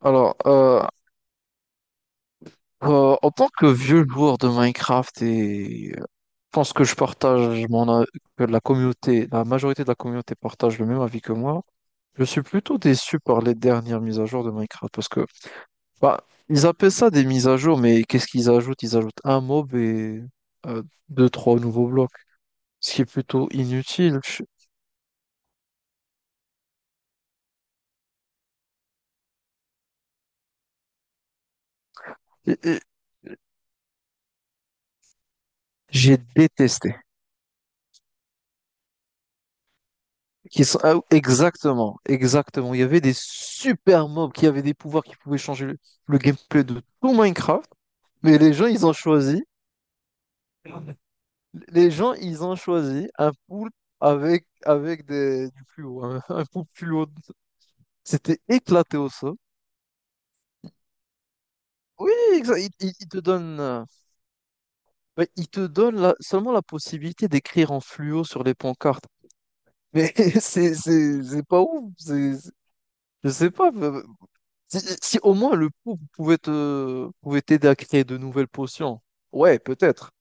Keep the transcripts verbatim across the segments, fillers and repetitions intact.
Alors, euh, euh, en tant que vieux joueur de Minecraft, et euh, je pense que je partage mon a- que la communauté, la majorité de la communauté partage le même avis que moi. Je suis plutôt déçu par les dernières mises à jour de Minecraft parce que bah, ils appellent ça des mises à jour, mais qu'est-ce qu'ils ajoutent? Ils ajoutent un mob et euh, deux, trois nouveaux blocs, ce qui est plutôt inutile. Je- et- et J'ai détesté. Qui sont... ah, exactement, exactement. Il y avait des super mobs qui avaient des pouvoirs qui pouvaient changer le, le gameplay de tout Minecraft. Mais les gens, ils ont choisi. Les gens, ils ont choisi un pool avec, avec des, du fluo, un, un pool fluo. C'était éclaté au sol. Oui, exa- il, il- il te donne, euh, ouais, il te donne la- seulement la possibilité d'écrire en fluo sur les pancartes. Mais c'est c'est- c'est pas ouf. c'est- c'est- Je sais pas. Si si au moins le pouf pouvait te, pouvait t'aider à créer de nouvelles potions, ouais, peut-être.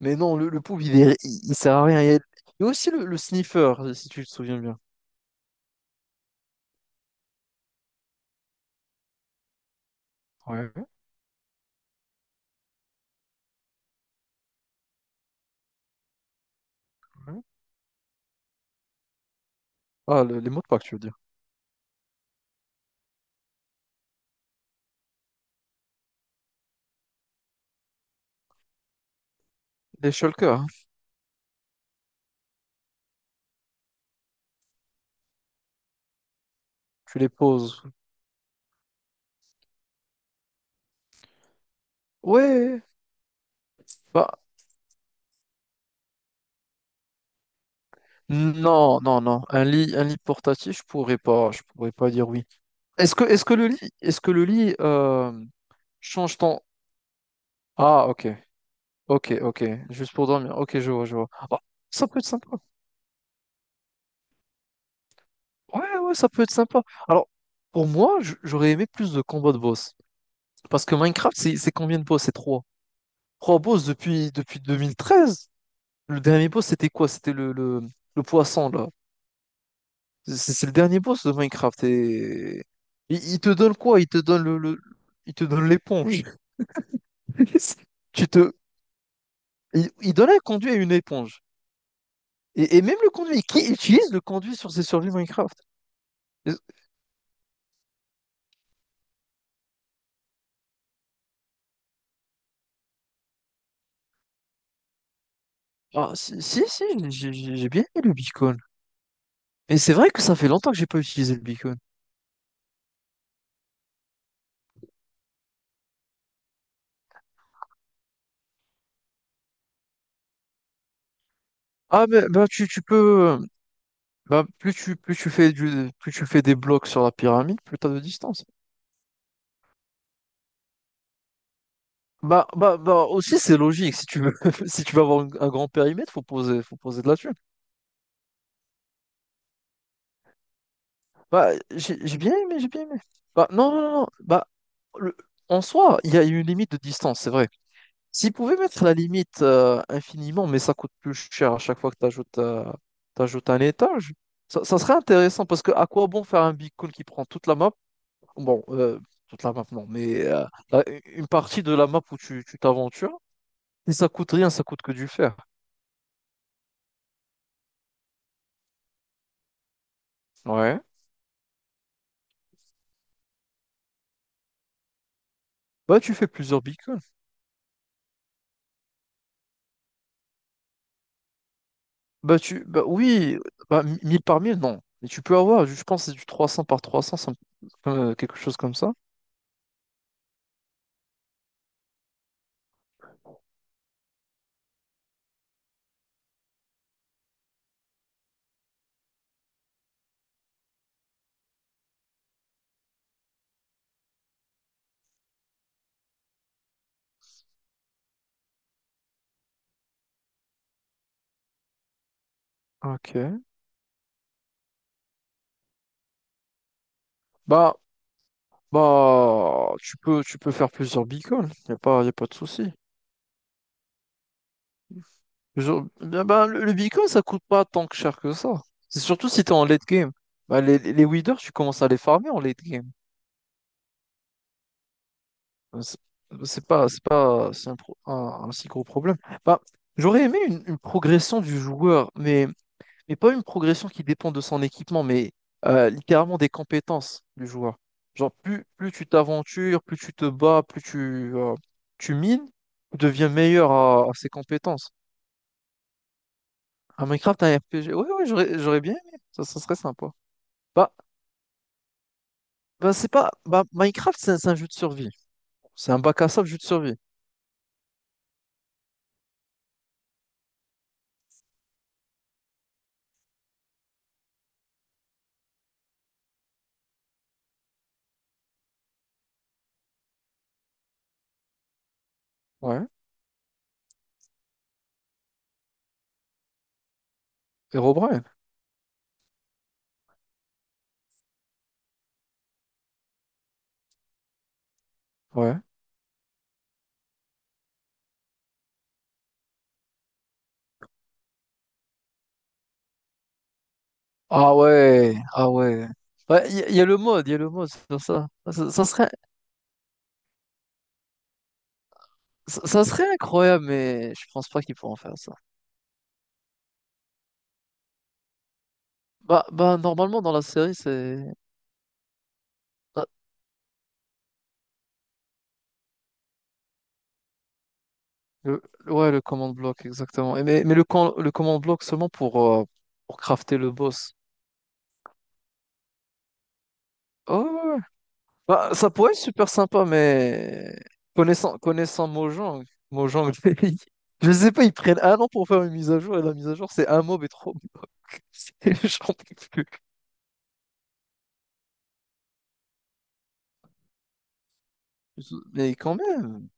Mais non, le, le pouf, il, est- il, il sert à rien. Il y a, il y a aussi le, le sniffer, si tu te souviens bien. Ouais, ouais. Ah, le- les mots de passe, tu veux dire. Les shulkers, hein, tu les poses. Ouais, bah, non, non, non. Un lit, un lit portatif, je pourrais pas, je pourrais pas dire oui. Est-ce que, est-ce que le lit, est-ce que le lit, euh, change ton... Ah, ok, ok, ok. Juste pour dormir. Ok, je vois, je vois. Ah, ça peut être sympa. Ouais, ouais, ça peut être sympa. Alors, pour moi, j- j'aurais aimé plus de combats de boss. Parce que Minecraft, c'est c'est combien de boss? C'est trois. Trois boss depuis, depuis deux mille treize. Le dernier boss, c'était quoi? C'était le, le, le poisson, là. C'est c'est le dernier boss de Minecraft. Et... Il, il te donne quoi? Il te donne le, le- il te donne l'éponge. Tu te... Il, il donne un conduit à une éponge. Et, et même le conduit. Qui utilise le conduit sur ses survies Minecraft? Euh, Ah, si, si, si, j'ai j'ai- j'ai bien aimé le beacon. Et c'est vrai que ça fait longtemps que j'ai pas utilisé le beacon. Ah mais bah tu, tu peux euh, bah plus tu plus tu fais du plus tu fais des blocs sur la pyramide, plus t'as de distance. Bah bah bah aussi c'est logique si tu veux si tu veux avoir un, un grand périmètre, faut poser faut poser de la thune. Bah j'ai j'ai bien aimé, j'ai bien aimé. Bah non non non, bah le- en soi, il y a une limite de distance, c'est vrai. S'ils pouvaient mettre la limite euh, infiniment, mais ça coûte plus cher à chaque fois que tu ajoutes, un étage, ça, ça serait intéressant parce que à quoi bon faire un beacon qui prend toute la map? Bon, euh, toute la map non, mais euh, la- une partie de la map où tu tu t'aventures, et ça coûte rien, ça coûte que du fer. Ouais. Bah tu fais plusieurs beacons. Bah tu bah oui, bah mille par mille non, mais tu peux avoir, je pense que c'est du trois cents par trois cents, ça me- euh, quelque chose comme ça. Ok. Bah bah, tu peux, tu peux faire plusieurs bitcoins, y a pas, y a pas de souci. Plusieurs- Bah, bah, le, le bitcoin, ça coûte pas tant que cher que ça. C'est surtout si t'es en late game. Bah, les, les les withers, tu commences à les farmer en late game. Bah, C'est c'est pas, c'est pas, c'est un, pro- un- un si gros problème. Bah, j'aurais aimé une, une progression du joueur, mais mais pas une progression qui dépend de son équipement, mais euh, littéralement des compétences du joueur. Genre, plus, plus tu t'aventures, plus tu te bats, plus tu, euh, tu mines, tu deviens meilleur à, à ses compétences. Un Minecraft, un R P G, ouais, ouais, j'aurais, j'aurais bien aimé, ça, ça serait sympa. Bah, bah c'est pas. Bah, Minecraft, c'est un, c'est un jeu de survie. C'est un bac à sable jeu de survie. Ouais. Herobrine, ouais. Ah ouais, ah ouais. Ouais, il y, a y a le mode, il y a le mode sur ça. Ça, ça serait, ça, ça serait incroyable, mais je pense pas qu'ils pourront faire ça. Bah, bah, normalement, dans la série, c'est. Ah, Le... Ouais, le command block, exactement. Et mais mais le, com- le command block seulement pour, euh, pour crafter le boss. Oh, ouais, ouais, ouais. Bah, ça pourrait être super sympa, mais. Connaissant, connaissant Mojang, Mojang, ils- je sais pas, ils prennent un an pour faire une mise à jour, et la mise à jour, c'est un mob et trois blocs. C'est- J'en peux plus. Mais quand même.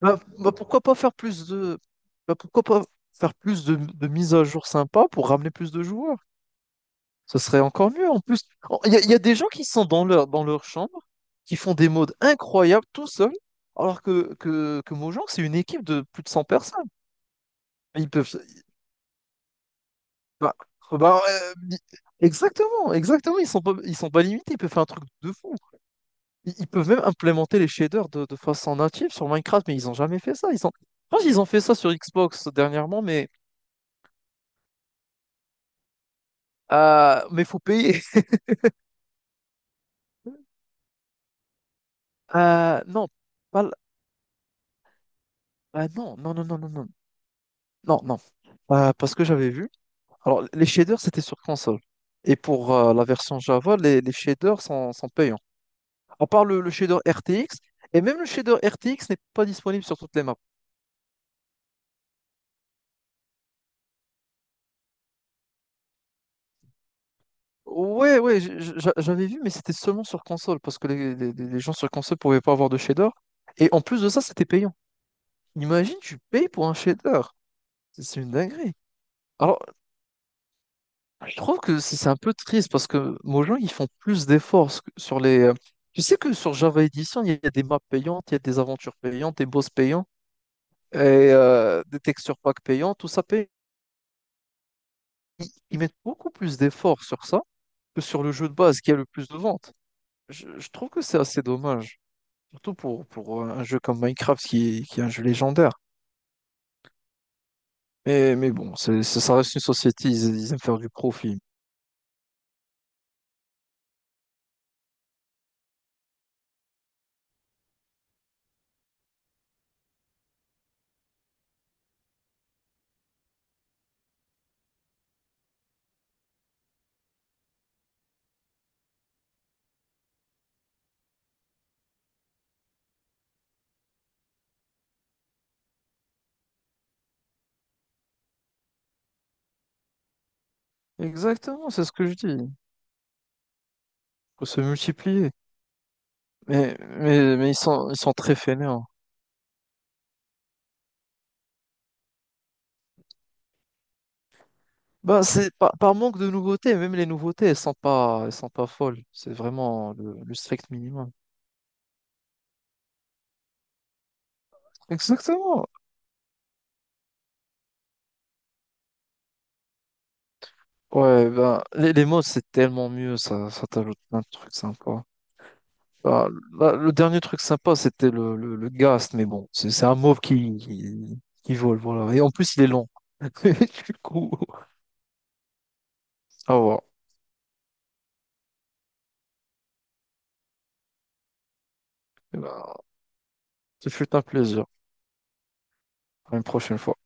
Bah, bah, pourquoi pas faire plus de. Bah, pourquoi pas faire plus de, de mises à jour sympas pour ramener plus de joueurs? Ce serait encore mieux. En plus, oh, il y a, il y a des gens qui sont dans leur, dans leur chambre, qui font des modes incroyables tout seuls, alors que, que, que Mojang, c'est une équipe de plus de cent personnes. Ils peuvent. bah, bah, euh, ils- exactement, exactement. Ils sont pas, ils sont pas limités. Ils peuvent faire un truc de fou. Ils, ils peuvent même implémenter les shaders de, de façon native sur Minecraft, mais ils n'ont jamais fait ça. Ils ont, je pense qu'ils ont fait ça sur Xbox dernièrement, mais, euh, mais faut payer. Euh, non, pas, l- ah, non, non, non, non, non, non. Non, non. Euh, parce que j'avais vu. Alors, les shaders, c'était sur console. Et pour euh, la version Java, les, les shaders sont, sont payants. À part le, le shader R T X, et même le shader R T X n'est pas disponible sur toutes les maps. Ouais, ouais, j- j- j'avais vu, mais c'était seulement sur console, parce que les, les- les gens sur console pouvaient pas avoir de shader. Et en plus de ça, c'était payant. Imagine, tu payes pour un shader. C'est c'est une dinguerie. Alors, Bah, je trouve que c'est c'est un peu triste parce que Mojang, ils font plus d'efforts ce sur les. euh, Tu sais que sur Java Edition, il y a des maps payantes, il y a des aventures payantes, des boss payants et euh, des textures packs payants, tout ça paye. Ils, ils mettent beaucoup plus d'efforts sur ça que sur le jeu de base qui a le plus de ventes. Je, je trouve que c'est assez dommage, surtout pour, pour euh, un jeu comme Minecraft qui est, qui est un jeu légendaire. Mais, mais bon, c'est, ça ça reste une société, ils, ils aiment faire du profit. Exactement, c'est ce que je dis. Faut se multiplier. Mais, mais, mais ils sont, ils sont très fainéants. Bah, c'est par, par manque de nouveautés, même les nouveautés, elles sont pas, elles sont pas folles. C'est vraiment le, le strict minimum. Exactement. Ouais, bah, les, les modes, c'est tellement mieux, ça, ça t'ajoute plein de trucs sympas. Bah, là, le dernier truc sympa, c'était le, le, le Ghast, mais bon, c'est c'est un mauve qui, qui, qui vole, voilà. Et en plus, il est long. Du coup, au revoir. Bah, ce fut un plaisir. À une prochaine fois.